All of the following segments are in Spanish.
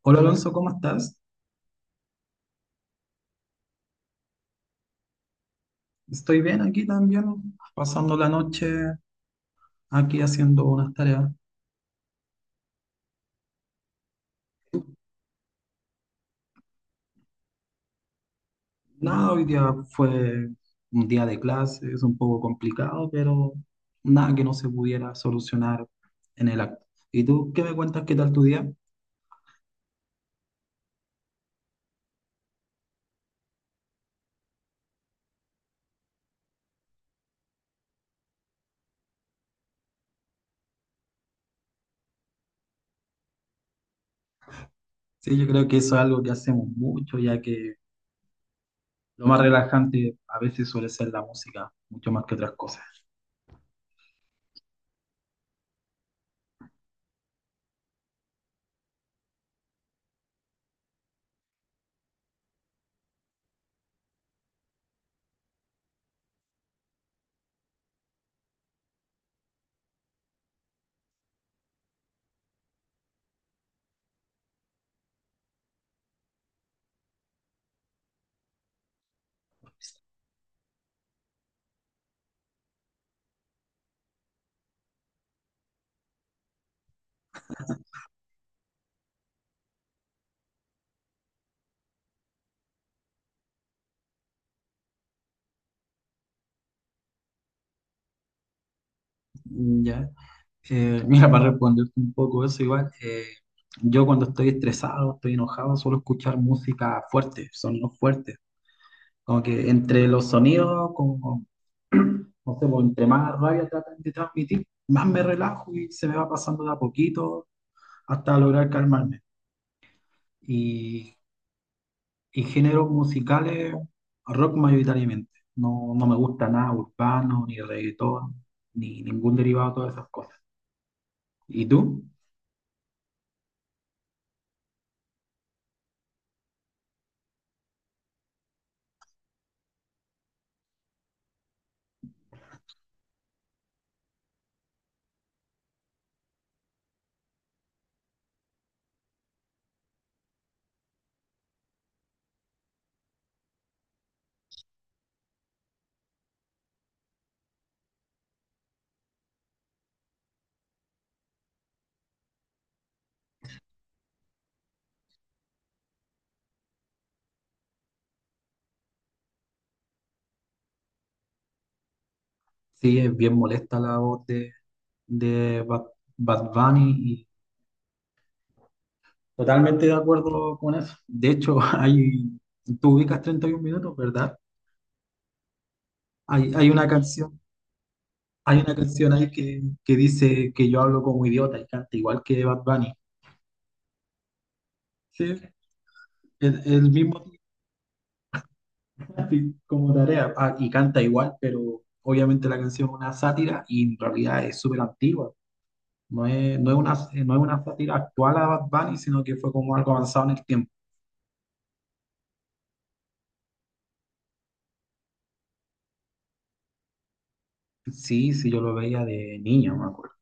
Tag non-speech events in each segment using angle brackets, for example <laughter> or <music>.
Hola Alonso, ¿cómo estás? Estoy bien aquí también, pasando la noche aquí haciendo unas tareas. Nada, hoy día fue un día de clases, un poco complicado, pero nada que no se pudiera solucionar en el acto. ¿Y tú qué me cuentas? ¿Qué tal tu día? Sí, yo creo que eso es algo que hacemos mucho, ya que lo más relajante a veces suele ser la música, mucho más que otras cosas. ¿Ya? Mira, para responderte un poco eso, igual, yo cuando estoy estresado, estoy enojado, suelo escuchar música fuerte, sonidos fuertes. Como que entre los sonidos, como, no sé, pues, entre más rabia tratan de transmitir, más me relajo y se me va pasando de a poquito hasta lograr calmarme. Y, y géneros musicales, rock mayoritariamente. No, no me gusta nada urbano, ni reggaetón, ni ningún derivado de todas esas cosas. ¿Y tú? Sí, es bien molesta la voz de Bad Bunny y totalmente de acuerdo con eso. De hecho, <laughs> tú ubicas 31 minutos, ¿verdad? Hay una canción, hay una canción ahí que dice que yo hablo como idiota y canta igual que Bad Bunny. Sí, el mismo tipo, así <laughs> como tarea. Ah, y canta igual, pero obviamente la canción es una sátira y en realidad es súper antigua. No es, no es una, no es una sátira actual a Bad Bunny, sino que fue como algo avanzado en el tiempo. Sí, sí, yo lo veía de niño, me acuerdo.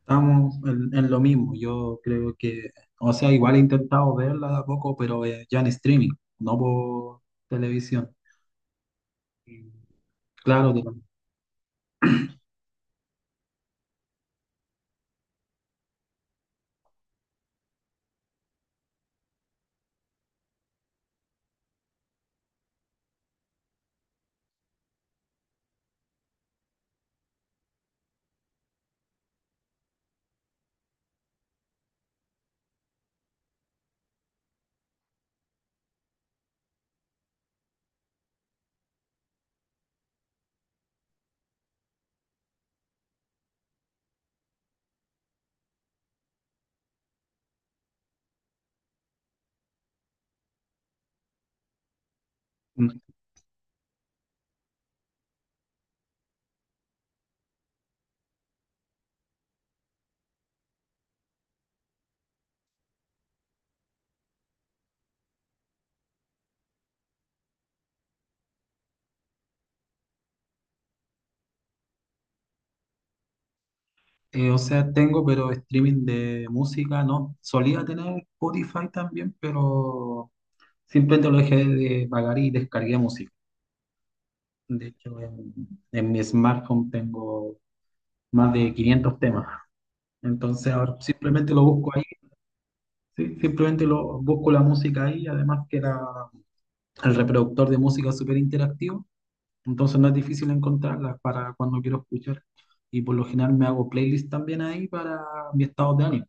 Estamos en lo mismo, yo creo que, o sea, igual he intentado verla de a poco, pero ya en streaming, no por televisión. Y claro, mm, o sea, tengo, pero streaming de música no. Solía tener Spotify también, pero simplemente lo dejé de pagar y descargué música. De hecho, en mi smartphone tengo más de 500 temas. Entonces, ahora simplemente lo busco. Sí, simplemente busco la música ahí, además que el reproductor de música es súper interactivo, entonces no es difícil encontrarla para cuando quiero escuchar. Y por lo general me hago playlist también ahí para mi estado de ánimo.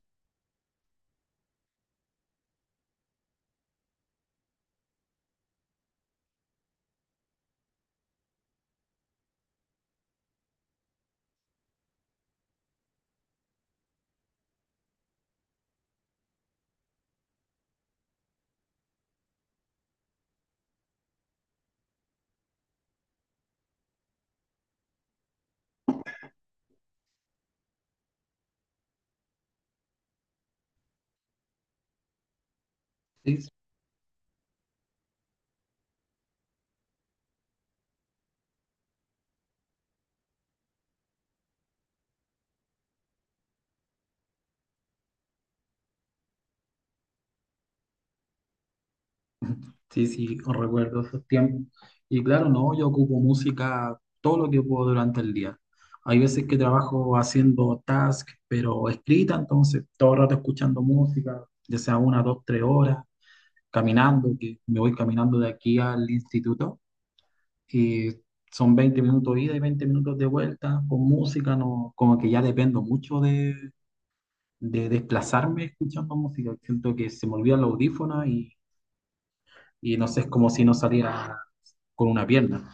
Sí, sí, sí, recuerdo esos tiempos. Y claro, no, yo ocupo música todo lo que puedo durante el día. Hay veces que trabajo haciendo task pero escrita, entonces todo el rato escuchando música, ya sea 1, 2, 3 horas, caminando, que me voy caminando de aquí al instituto. Y son 20 minutos ida y 20 minutos de vuelta con música, no, como que ya dependo mucho de desplazarme escuchando música. Siento que se me olvidan los audífonos y no sé, es como si no saliera con una pierna.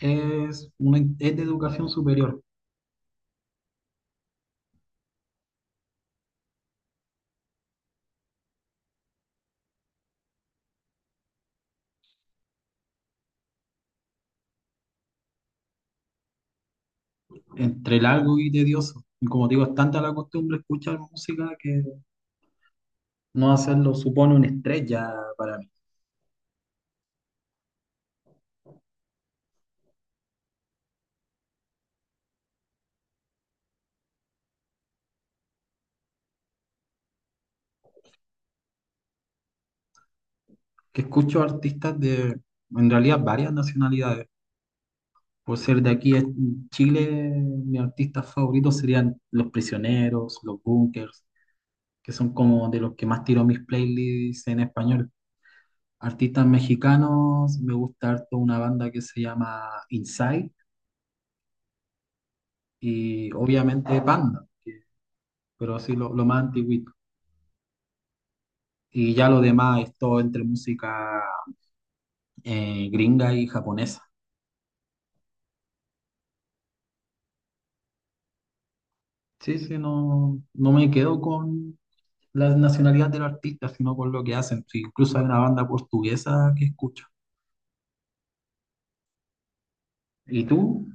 Es de educación superior, entre largo y tedioso. Y como te digo, es tanta la costumbre escuchar música que no hacerlo supone un estrés ya para mí. Que escucho artistas de, en realidad, varias nacionalidades. Por ser de aquí a Chile, mis artistas favoritos serían Los Prisioneros, Los Bunkers, que son como de los que más tiro mis playlists en español. Artistas mexicanos, me gusta harto una banda que se llama Inside y obviamente Panda, que- pero así lo más antiguito. Y ya lo demás es todo entre música gringa y japonesa. Sí, sí, no, no me quedo con la nacionalidad del artista, sino con lo que hacen. Sí, incluso hay una banda portuguesa que escucho. ¿Y tú?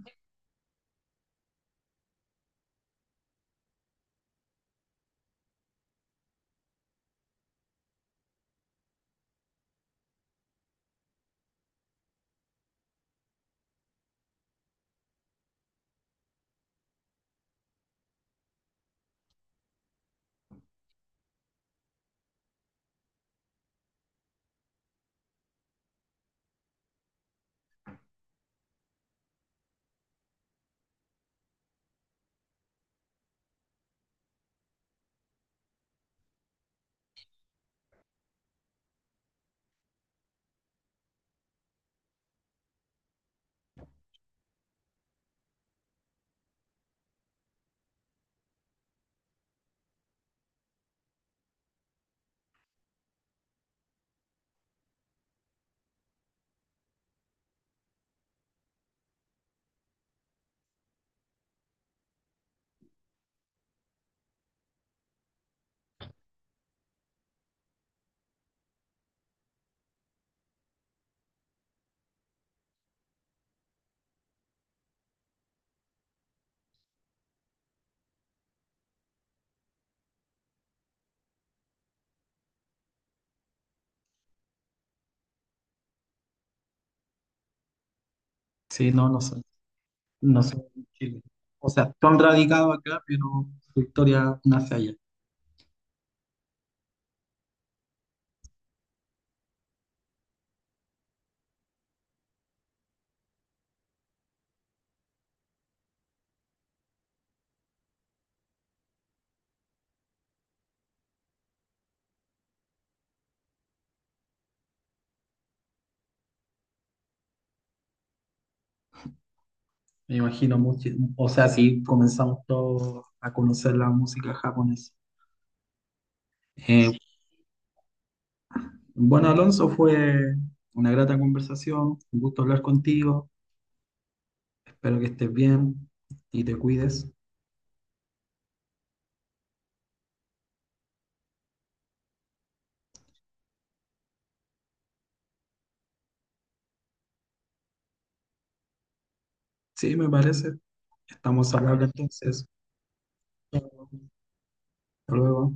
Sí, no, no soy de Chile. O sea, tú han radicado acá, pero su historia nace allá. Me imagino mucho. O sea, sí, comenzamos todos a conocer la música japonesa. Eh, bueno, Alonso, fue una grata conversación. Un gusto hablar contigo. Espero que estés bien y te cuides. Sí, me parece. Estamos al habla entonces. Hasta luego.